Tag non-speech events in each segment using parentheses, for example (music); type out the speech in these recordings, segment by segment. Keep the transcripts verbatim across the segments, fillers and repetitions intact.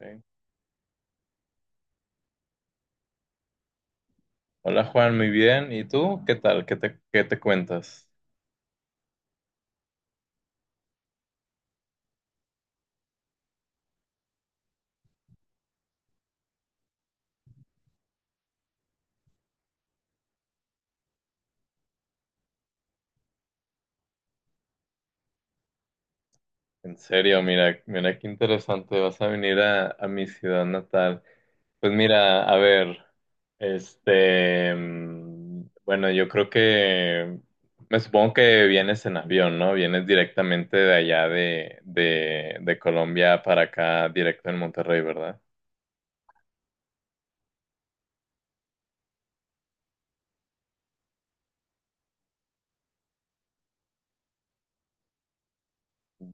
Sí. Hola Juan, muy bien. ¿Y tú? ¿Qué tal? ¿Qué te, qué te cuentas? En serio, mira, mira qué interesante. Vas a venir a, a mi ciudad natal. Pues mira, a ver, este, mm, bueno, yo creo que, me supongo que vienes en avión, ¿no? Vienes directamente de allá de, de, de Colombia para acá, directo en Monterrey, ¿verdad?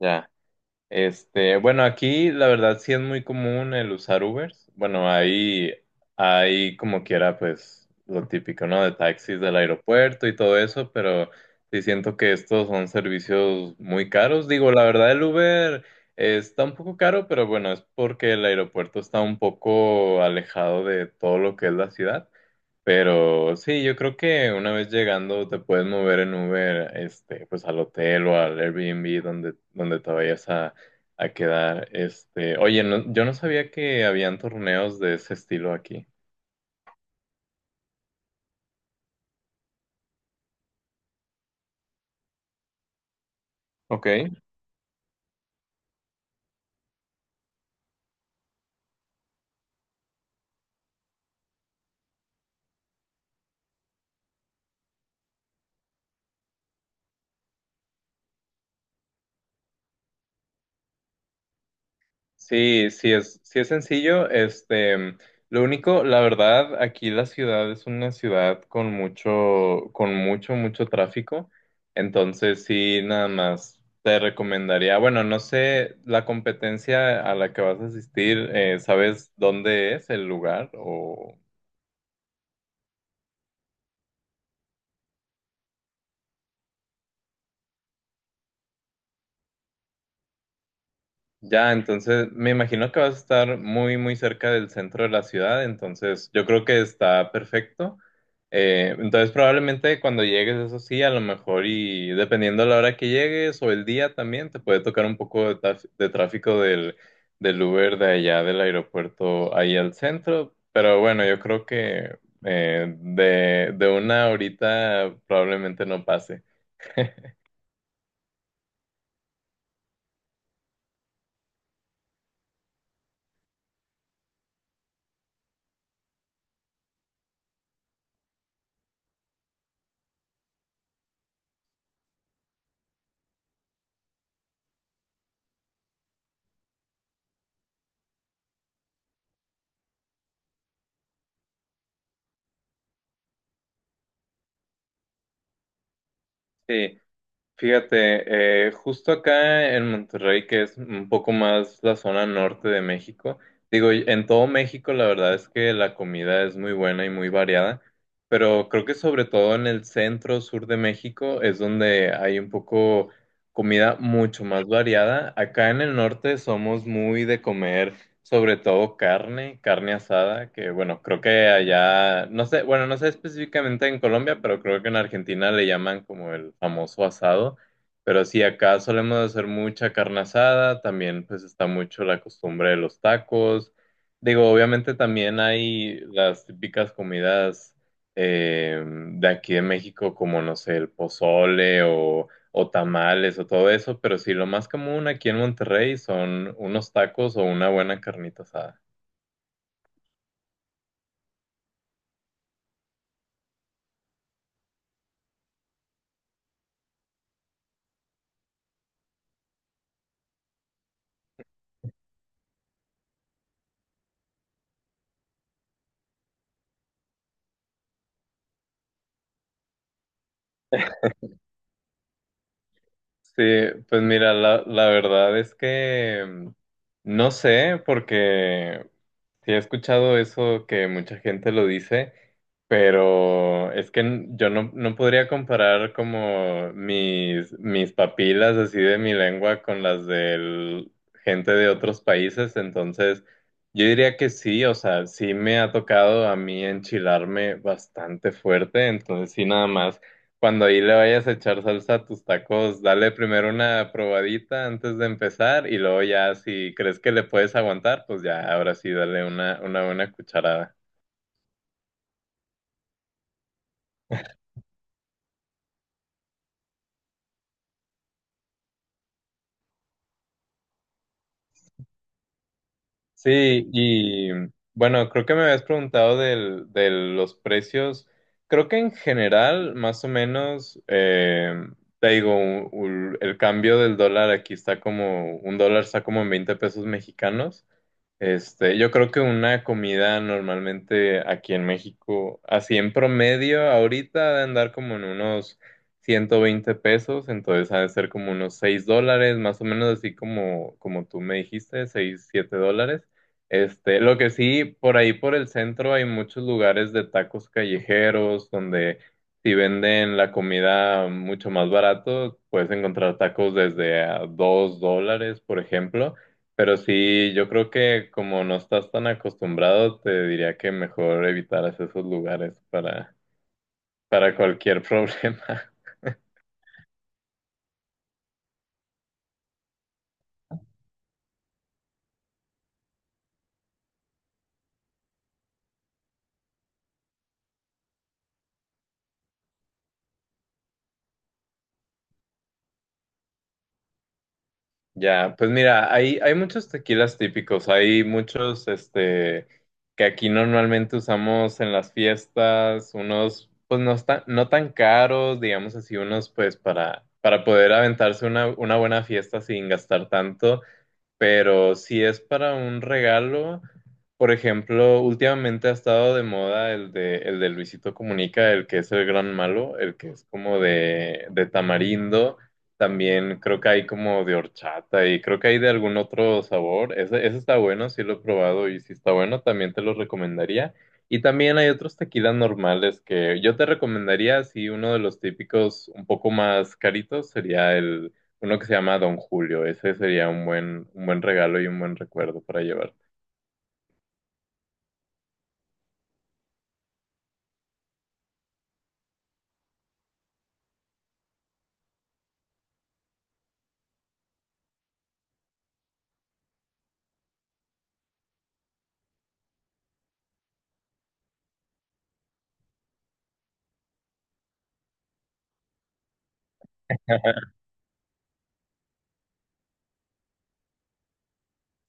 Ya. Este, bueno, aquí la verdad sí es muy común el usar Ubers. Bueno, ahí, ahí como quiera, pues lo típico, ¿no? De taxis del aeropuerto y todo eso, pero sí siento que estos son servicios muy caros. Digo, la verdad el Uber eh, está un poco caro, pero bueno, es porque el aeropuerto está un poco alejado de todo lo que es la ciudad. Pero sí, yo creo que una vez llegando te puedes mover en Uber, este, pues al hotel o al Airbnb donde, donde te vayas a, a quedar. Este, oye, no- yo no sabía que habían torneos de ese estilo aquí. Ok. Sí, sí es, sí es sencillo. Este, lo único, la verdad, aquí la ciudad es una ciudad con mucho, con mucho, mucho tráfico. Entonces, sí, nada más te recomendaría. Bueno, no sé, la competencia a la que vas a asistir, eh, ¿sabes dónde es el lugar o? Ya, entonces me imagino que vas a estar muy, muy cerca del centro de la ciudad, entonces yo creo que está perfecto. Eh, entonces probablemente cuando llegues, eso sí, a lo mejor y dependiendo de la hora que llegues o el día también, te puede tocar un poco de, taf- de tráfico del, del Uber de allá del aeropuerto ahí al centro, pero bueno, yo creo que eh, de, de una horita probablemente no pase. Sí. Fíjate, eh, justo acá en Monterrey, que es un poco más la zona norte de México, digo, y en todo México la verdad es que la comida es muy buena y muy variada, pero creo que sobre todo en el centro sur de México es donde hay un poco comida mucho más variada. Acá en el norte somos muy de comer sobre todo carne, carne asada, que bueno, creo que allá, no sé, bueno, no sé específicamente en Colombia, pero creo que en Argentina le llaman como el famoso asado, pero sí, acá solemos hacer mucha carne asada, también pues está mucho la costumbre de los tacos, digo, obviamente también hay las típicas comidas eh, de aquí de México, como no sé, el pozole o o tamales o todo eso, pero sí, lo más común aquí en Monterrey son unos tacos o una buena carnita asada. Sí, pues mira, la, la verdad es que mm, no sé, porque sí he escuchado eso que mucha gente lo dice, pero es que n- yo no, no podría comparar como mis, mis papilas así de mi lengua con las de gente de otros países, entonces yo diría que sí, o sea, sí me ha tocado a mí enchilarme bastante fuerte, entonces sí nada más, cuando ahí le vayas a echar salsa a tus tacos, dale primero una probadita antes de empezar y luego ya si crees que le puedes aguantar, pues ya ahora sí dale una, una buena cucharada. Sí, y bueno, creo que me habías preguntado del, de los precios. Creo que en general, más o menos, eh, te digo, u- u- el cambio del dólar aquí está como, un dólar está como en veinte pesos mexicanos. Este, yo creo que una comida normalmente aquí en México, así en promedio, ahorita ha de andar como en unos ciento veinte pesos, entonces ha de ser como unos seis dólares, más o menos así como, como tú me dijiste, seis siete dólares. Este, lo que sí, por ahí por el centro hay muchos lugares de tacos callejeros donde si venden la comida mucho más barato, puedes encontrar tacos desde a dos dólares, por ejemplo. Pero sí, yo creo que como no estás tan acostumbrado, te diría que mejor evitaras esos lugares para, para cualquier problema. (laughs) Ya, pues mira, hay, hay muchos tequilas típicos, hay muchos este, que aquí normalmente usamos en las fiestas, unos pues no, está- no tan caros, digamos así, unos pues para, para poder aventarse una, una buena fiesta sin gastar tanto. Pero si es para un regalo, por ejemplo, últimamente ha estado de moda el de, el de Luisito Comunica, el que es el gran malo, el que es como de, de tamarindo. También creo que hay como de horchata y creo que hay de algún otro sabor. Ese, ese está bueno, sí lo he probado y si está bueno, también te lo recomendaría. Y también hay otros tequilas normales que yo te recomendaría, si uno de los típicos un poco más caritos sería uno que se llama Don Julio, ese sería un buen, un buen regalo y un buen recuerdo para llevar.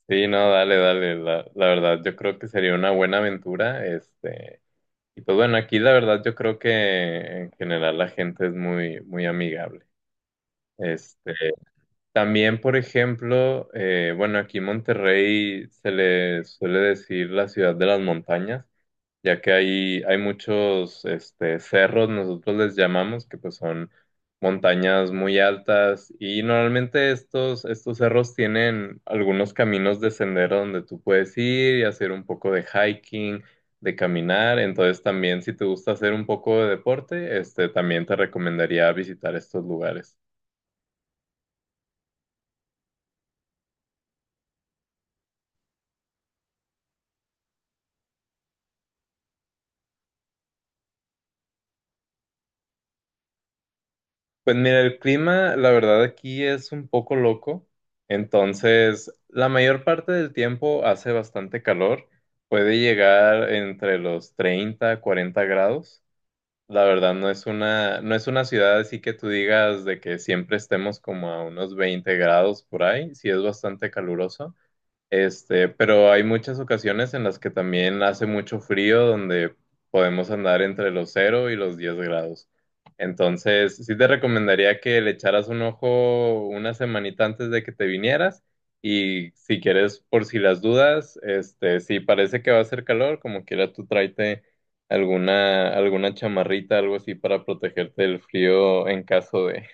Sí, no, dale, dale, la, la verdad yo creo que sería una buena aventura, este, y pues bueno, aquí la verdad yo creo que en general la gente es muy, muy amigable. Este, también, por ejemplo, eh, bueno, aquí en Monterrey se le suele decir la ciudad de las montañas. Ya que hay, hay muchos este, cerros, nosotros les llamamos, que pues son montañas muy altas y normalmente estos, estos cerros tienen algunos caminos de sendero donde tú puedes ir y hacer un poco de hiking, de caminar, entonces también si te gusta hacer un poco de deporte, este, también te recomendaría visitar estos lugares. Pues mira, el clima, la verdad, aquí es un poco loco. Entonces, la mayor parte del tiempo hace bastante calor. Puede llegar entre los treinta cuarenta grados. La verdad, no es una, no es una ciudad así que tú digas de que siempre estemos como a unos veinte grados por ahí. Sí es bastante caluroso. Este, pero hay muchas ocasiones en las que también hace mucho frío, donde podemos andar entre los cero y los diez grados. Entonces, sí te recomendaría que le echaras un ojo una semanita antes de que te vinieras y si quieres, por si las dudas, este, si parece que va a hacer calor, como quiera tú tráete alguna, alguna chamarrita, algo así para protegerte del frío en caso de...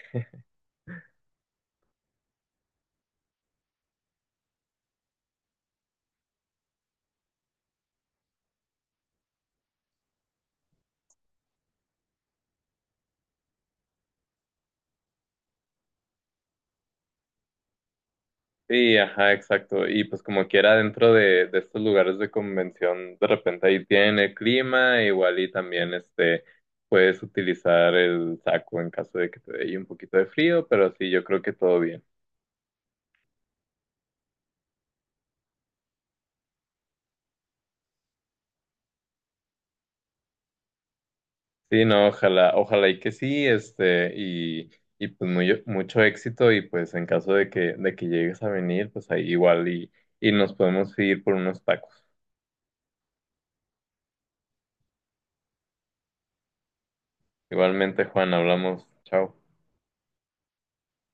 Sí, ajá, exacto. Y pues como quiera dentro de, de estos lugares de convención, de repente ahí tienen el clima, igual y también este puedes utilizar el saco en caso de que te dé ahí un poquito de frío, pero sí, yo creo que todo bien. Sí, no, ojalá, ojalá y que sí, este, y, y pues muy, mucho éxito, y pues en caso de que, de que llegues a venir, pues ahí igual y, y nos podemos ir por unos tacos. Igualmente, Juan, hablamos, chao.